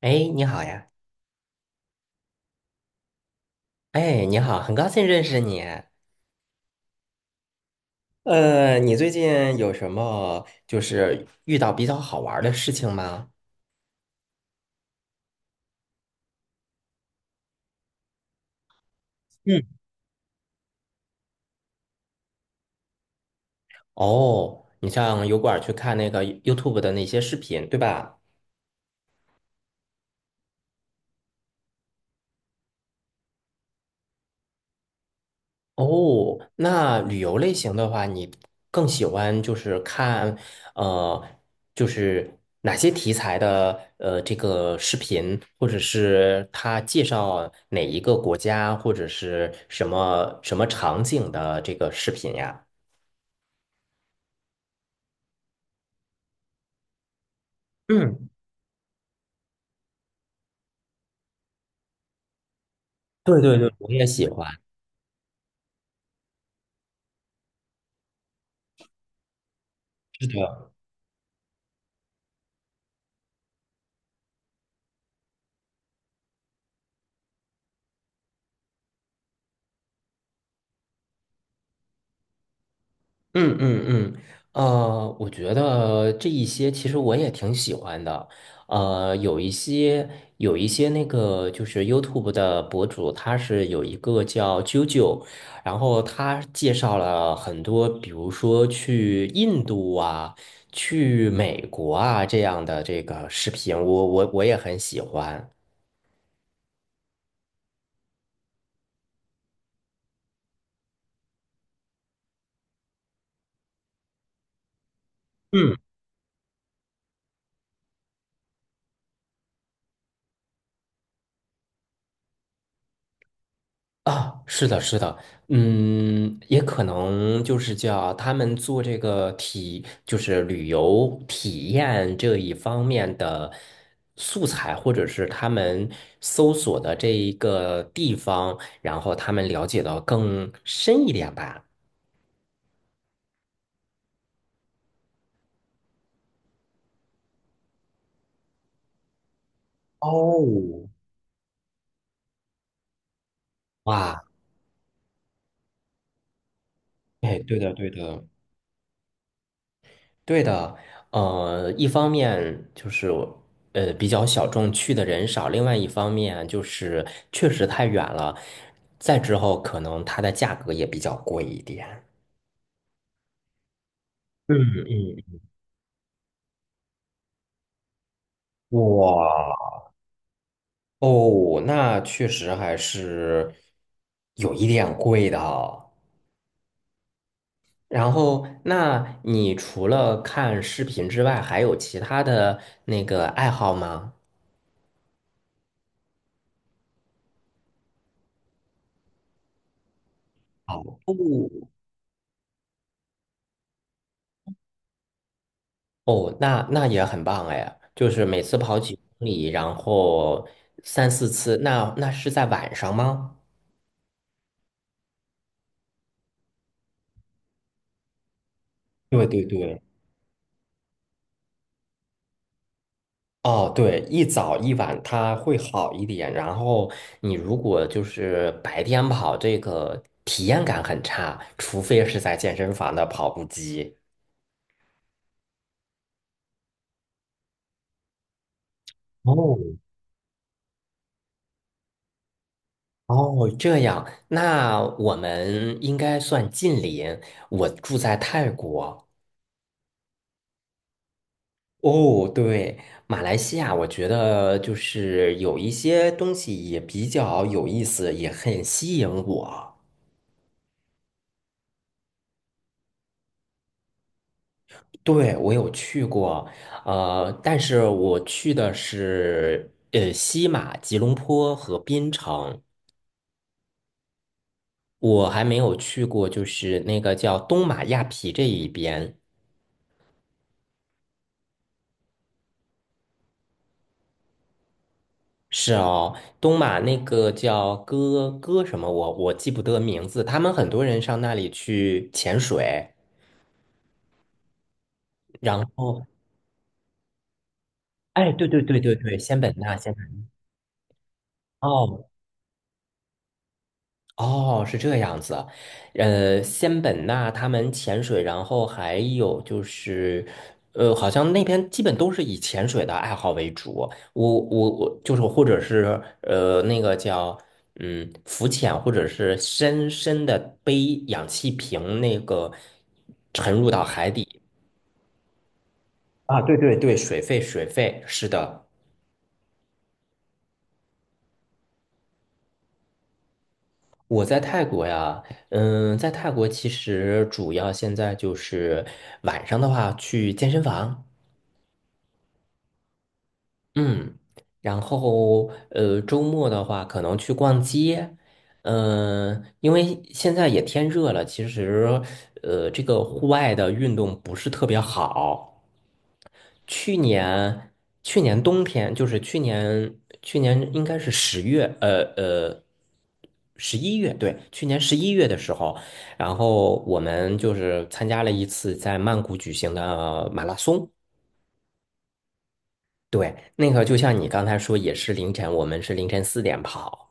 哎，你好呀！哎，你好，很高兴认识你。你最近有什么就是遇到比较好玩儿的事情吗？嗯。哦，你上油管儿去看那个 YouTube 的那些视频，对吧？哦，那旅游类型的话，你更喜欢就是看，呃，就是哪些题材的这个视频，或者是他介绍哪一个国家，或者是什么什么场景的这个视频呀？嗯，对对对，我也喜欢。是的。嗯嗯嗯，我觉得这一些其实我也挺喜欢的，有一些那个就是 YouTube 的博主，他是有一个叫啾啾，然后他介绍了很多，比如说去印度啊，去美国啊这样的这个视频，我也很喜欢。嗯。啊，是的，是的，嗯，也可能就是叫他们做这个体，就是旅游体验这一方面的素材，或者是他们搜索的这一个地方，然后他们了解到更深一点吧。哦，哇，哎，对的，对的。对的，一方面就是比较小众，去的人少；另外一方面就是确实太远了，再之后可能它的价格也比较贵一点。嗯嗯，哇哦，那确实还是有一点贵的哦。然后，那你除了看视频之外，还有其他的那个爱好吗？哦，哦，那也很棒哎，就是每次跑几公里，然后3、4次，那是在晚上吗？对对对。哦，对，一早一晚它会好一点，然后你如果就是白天跑，这个体验感很差，除非是在健身房的跑步机。哦，哦，这样，那我们应该算近邻，我住在泰国。哦，对，马来西亚，我觉得就是有一些东西也比较有意思，也很吸引我。对，我有去过，但是我去的是西马、吉隆坡和槟城，我还没有去过，就是那个叫东马亚皮这一边。是哦，东马那个叫哥哥什么，我记不得名字。他们很多人上那里去潜水。然后哎，对对对对对，仙本那，仙本哦哦，是这样子，仙本那他们潜水，然后还有就是，好像那边基本都是以潜水的爱好为主，我就是或者是那个叫浮潜，或者是深深的背氧气瓶那个沉入到海底啊，对对对，水肺，是的。我在泰国呀，在泰国其实主要现在就是晚上的话去健身房。嗯，然后周末的话可能去逛街，因为现在也天热了，其实这个户外的运动不是特别好。去年去年冬天，就是去年应该是10月，十一月，对，去年十一月的时候，然后我们就是参加了一次在曼谷举行的马拉松。对，那个就像你刚才说，也是凌晨，我们是凌晨4点跑。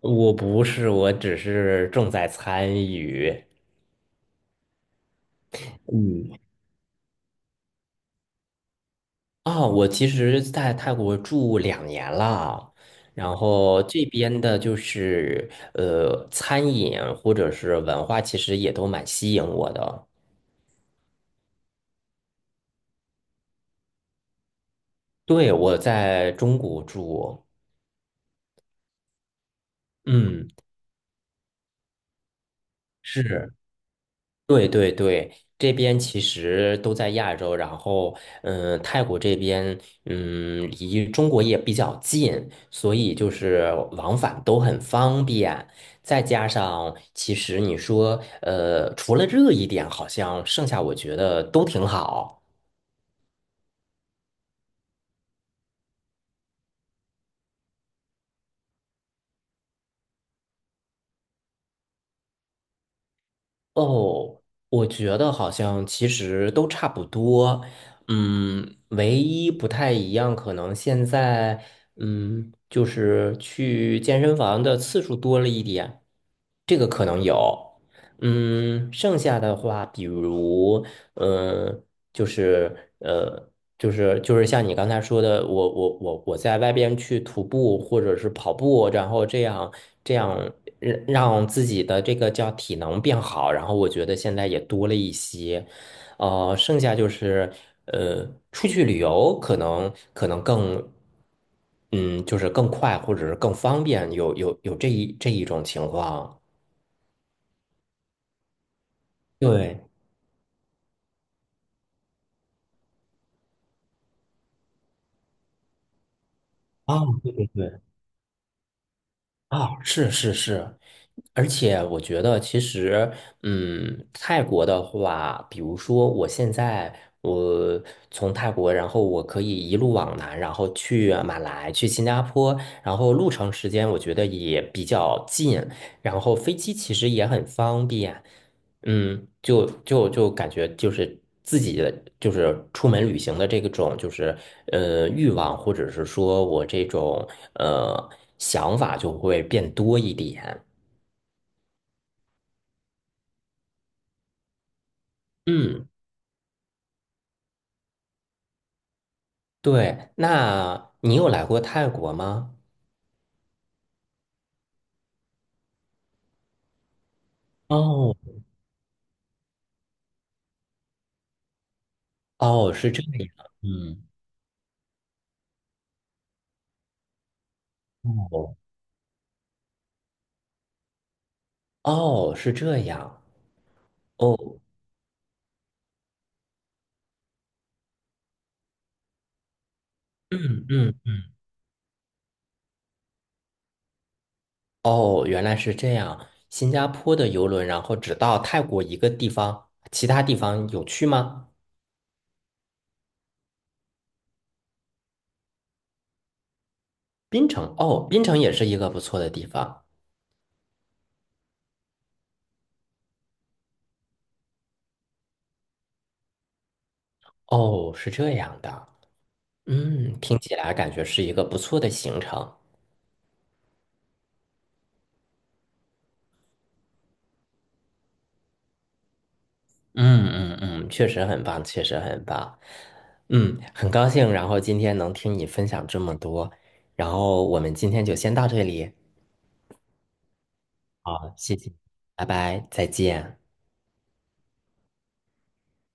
我不是，我只是重在参与。嗯，啊、我其实在泰国住2年了，然后这边的就是餐饮或者是文化，其实也都蛮吸引我的。对，我在中国住，嗯，是。对对对，这边其实都在亚洲，然后泰国这边离中国也比较近，所以就是往返都很方便。再加上，其实你说除了热一点，好像剩下我觉得都挺好。哦，我觉得好像其实都差不多，唯一不太一样，可能现在，就是去健身房的次数多了一点，这个可能有。剩下的话，比如，嗯，就是呃，就是像你刚才说的，我在外边去徒步或者是跑步，然后这样让自己的这个叫体能变好，然后我觉得现在也多了一些，剩下就是呃，出去旅游可能更，嗯，就是更快或者是更方便，有这一种情况，对。啊，对对对，啊，是是是，而且我觉得其实，泰国的话，比如说我现在我从泰国，然后我可以一路往南，然后去马来，去新加坡，然后路程时间我觉得也比较近，然后飞机其实也很方便。就感觉就是自己的就是出门旅行的这个种就是欲望，或者是说我这种呃想法就会变多一点。嗯，对。那你有来过泰国吗？哦哦，是这样。嗯，哦哦，是这样。哦，嗯嗯嗯，哦，原来是这样。新加坡的游轮，然后只到泰国一个地方，其他地方有去吗？槟城哦，槟城也是一个不错的地方。哦，是这样的。嗯，听起来感觉是一个不错的行程。嗯嗯嗯，确实很棒，确实很棒。嗯，很高兴，然后今天能听你分享这么多，然后我们今天就先到这里。好，谢谢，拜拜，再见。